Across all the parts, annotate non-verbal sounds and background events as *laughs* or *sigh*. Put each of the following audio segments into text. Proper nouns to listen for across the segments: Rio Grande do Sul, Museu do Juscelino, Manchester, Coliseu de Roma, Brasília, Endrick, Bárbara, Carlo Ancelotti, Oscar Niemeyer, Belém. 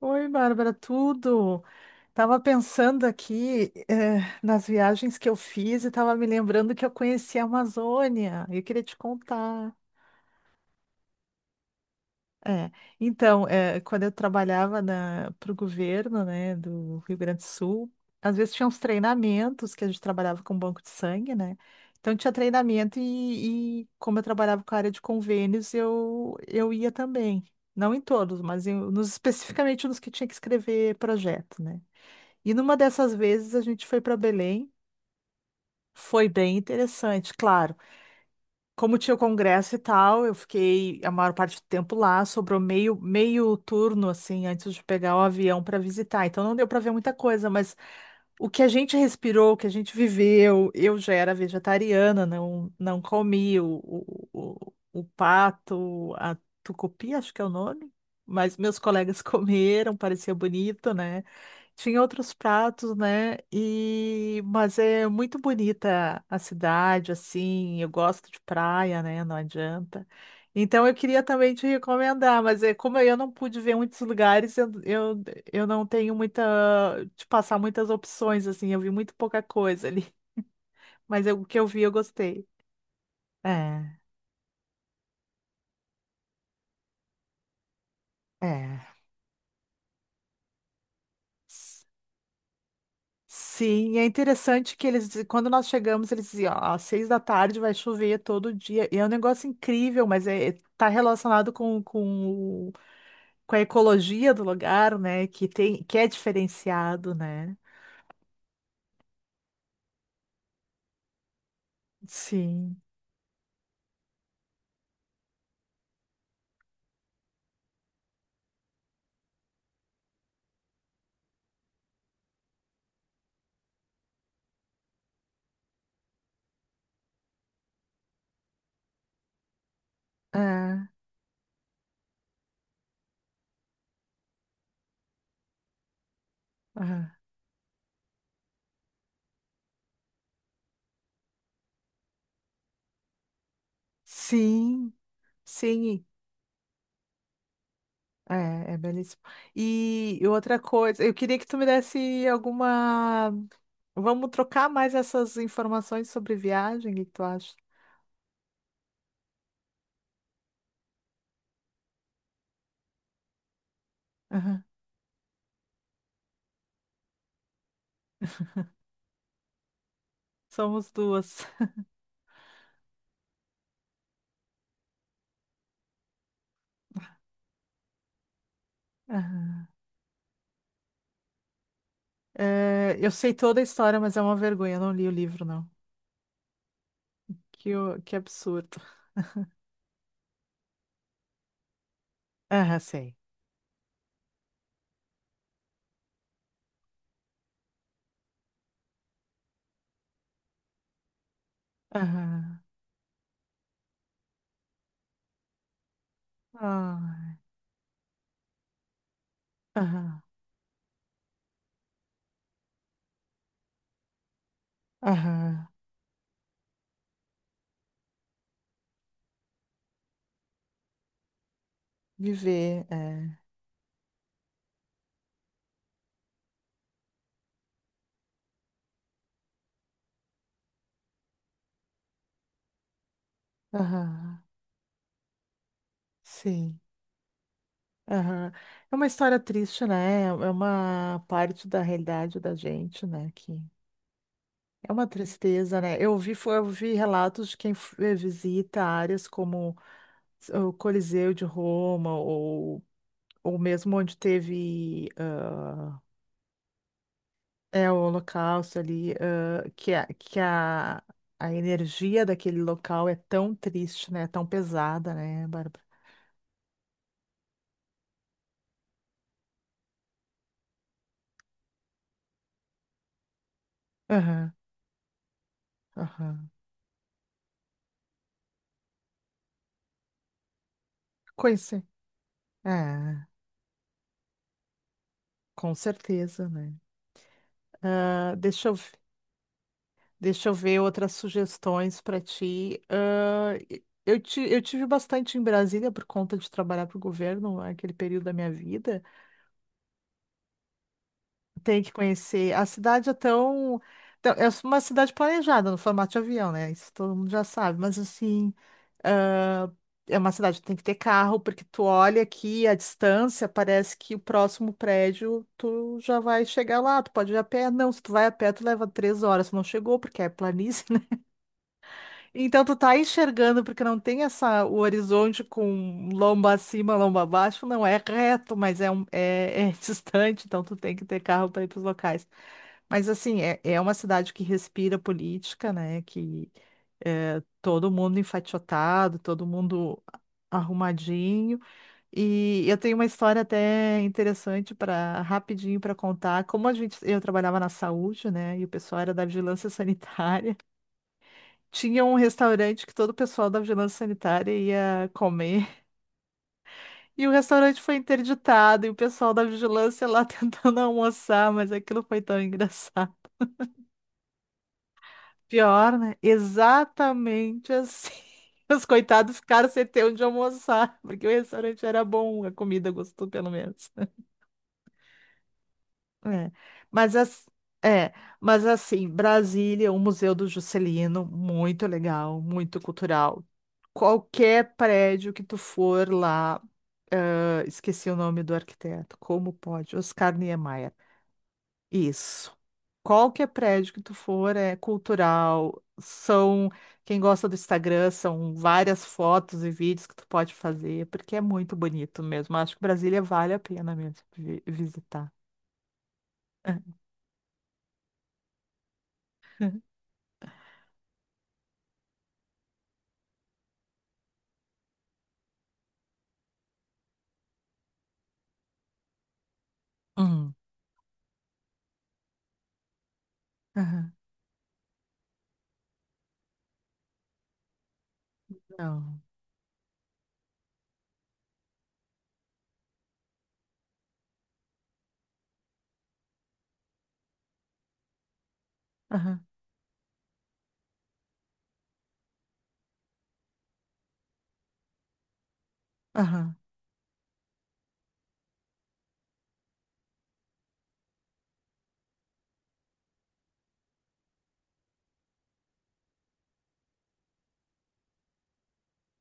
Oi, Bárbara, tudo? Tava pensando aqui, nas viagens que eu fiz e tava me lembrando que eu conheci a Amazônia. Eu queria te contar. É, então, quando eu trabalhava para o governo, né, do Rio Grande do Sul, às vezes tinha uns treinamentos que a gente trabalhava com banco de sangue, né? Então tinha treinamento e como eu trabalhava com a área de convênios, eu ia também. Não em todos, mas especificamente nos que tinha que escrever projeto, né? E numa dessas vezes a gente foi para Belém, foi bem interessante, claro. Como tinha o congresso e tal, eu fiquei a maior parte do tempo lá, sobrou meio turno assim antes de pegar o avião para visitar. Então não deu para ver muita coisa, mas o que a gente respirou, o que a gente viveu, eu já era vegetariana, não não comi o pato, a tucupi, acho que é o nome, mas meus colegas *laughs* comeram, parecia bonito, né? Tinha outros pratos, né? E mas é muito bonita a cidade, assim. Eu gosto de praia, né? Não adianta. Então eu queria também te recomendar, mas é como eu não pude ver muitos lugares, eu não tenho muita te passar muitas opções, assim. Eu vi muito pouca coisa ali, *laughs* o que eu vi eu gostei. É, é. Sim, é interessante que eles, quando nós chegamos, eles diziam, ó, às seis da tarde vai chover todo dia. E é um negócio incrível, mas é, tá relacionado com a ecologia do lugar, né? Que tem, que é diferenciado, né? Sim. É, é. Sim, sim. É, é belíssimo. E outra coisa, eu queria que tu me desse alguma. Vamos trocar mais essas informações sobre viagem, o que que tu acha? Aham. Somos duas. Aham. É, eu sei toda a história, mas é uma vergonha. Eu não li o livro, não. Que absurdo. Aham, sei. Aham. Ah, aham. Aham. Viver, é. Aham. Sim. Aham. É uma história triste, né? É é uma parte da realidade da gente, né? Que é uma tristeza, né? Eu vi relatos de quem visita áreas como o Coliseu de Roma, ou mesmo onde teve. É o holocausto ali, a energia daquele local é tão triste, né? Tão pesada, né, Bárbara? Aham, aham. Conheci. É, com certeza, né? Ah, deixa eu, deixa eu ver outras sugestões para ti. Ah, eu tive bastante em Brasília por conta de trabalhar para o governo, aquele período da minha vida. Tem que conhecer. A cidade é tão. Tão- É uma cidade planejada no formato de avião, né? Isso todo mundo já sabe. Mas assim, ah, é uma cidade que tem que ter carro, porque tu olha aqui a distância, parece que o próximo prédio tu já vai chegar lá, tu pode ir a pé. Não, se tu vai a pé, tu leva três horas. Tu não chegou, porque é planície, então tu tá enxergando porque não tem essa o horizonte com lomba acima, lomba abaixo, não é reto, mas é *laughs* distante, então tu tem que ter carro para ir para os locais. Mas assim, é uma cidade que respira política, né? Que é todo mundo enfaixotado, todo mundo arrumadinho. E eu tenho uma história até interessante para rapidinho para contar. Como a gente, eu trabalhava na saúde, né? E o pessoal era da vigilância *laughs* sanitária. Tinha um restaurante que todo o pessoal da vigilância sanitária ia comer. *laughs* E o restaurante foi interditado, e o pessoal da vigilância lá *laughs* tentando almoçar, mas aquilo foi tão engraçado. Pior, né? Exatamente assim. *laughs* Os coitados ficaram sem ter onde almoçar, porque o restaurante era bom, a comida gostou, pelo menos. *laughs* É. Mas, as- é, mas assim, Brasília, o Museu do Juscelino, muito legal, muito cultural. Qualquer prédio que tu for lá, ah, esqueci o nome do arquiteto. Como pode? Oscar Niemeyer. Isso. Qualquer prédio que tu for é cultural. São quem gosta do Instagram, são várias fotos e vídeos que tu pode fazer, porque é muito bonito mesmo. Acho que Brasília vale a pena mesmo visitar. *laughs* Hum. Aham. Não. Aham. Aham.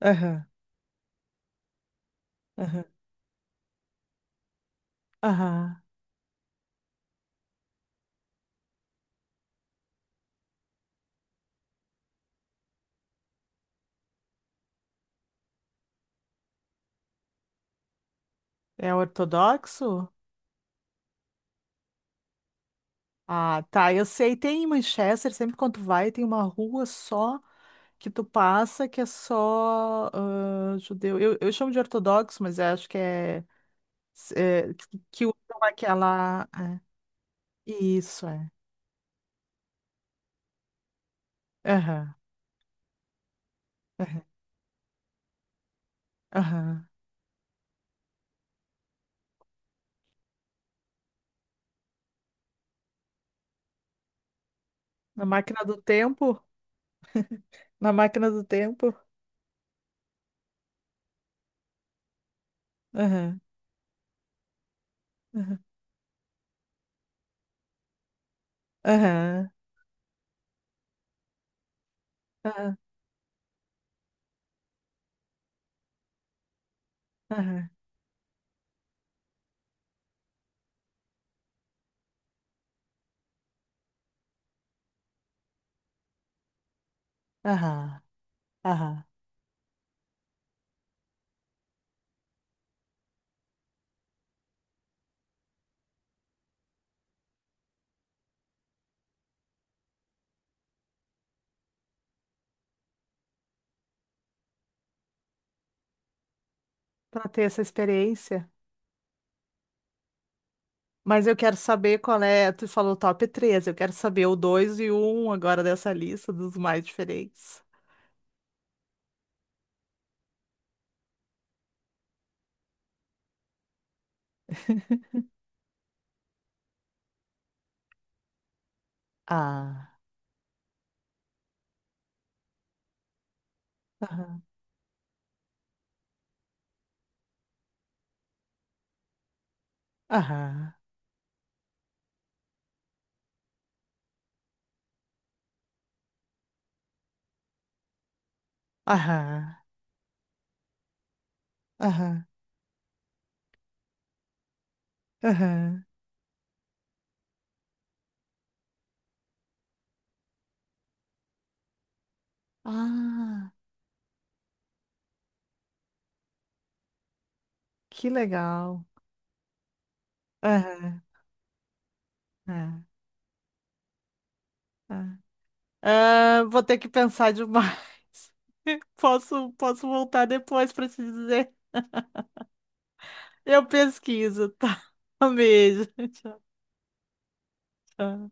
Aham. Aham. Aham. É ortodoxo? Ah, tá. Eu sei, tem em Manchester, sempre quando tu vai, tem uma rua só. Que tu passa que é só ah, judeu. Eu chamo de ortodoxo, mas eu acho que que usam aquela. É. Isso é. Aham, aham, aham. Na máquina do tempo? Na máquina do tempo? Aham, aham, aham, aham, aham, aham, aham. Pra ter essa experiência. Mas eu quero saber qual é. Tu falou top 3, eu quero saber o 2 e o 1 agora dessa lista dos mais diferentes. *laughs* Ah. Aham, aham, aham, aham. Ah, que legal. Aham, aham, aham. Ah, vou ter que pensar demais. *laughs* Posso voltar depois para te dizer. Eu pesquiso, tá? Um beijo. *laughs* Tchau, tchau.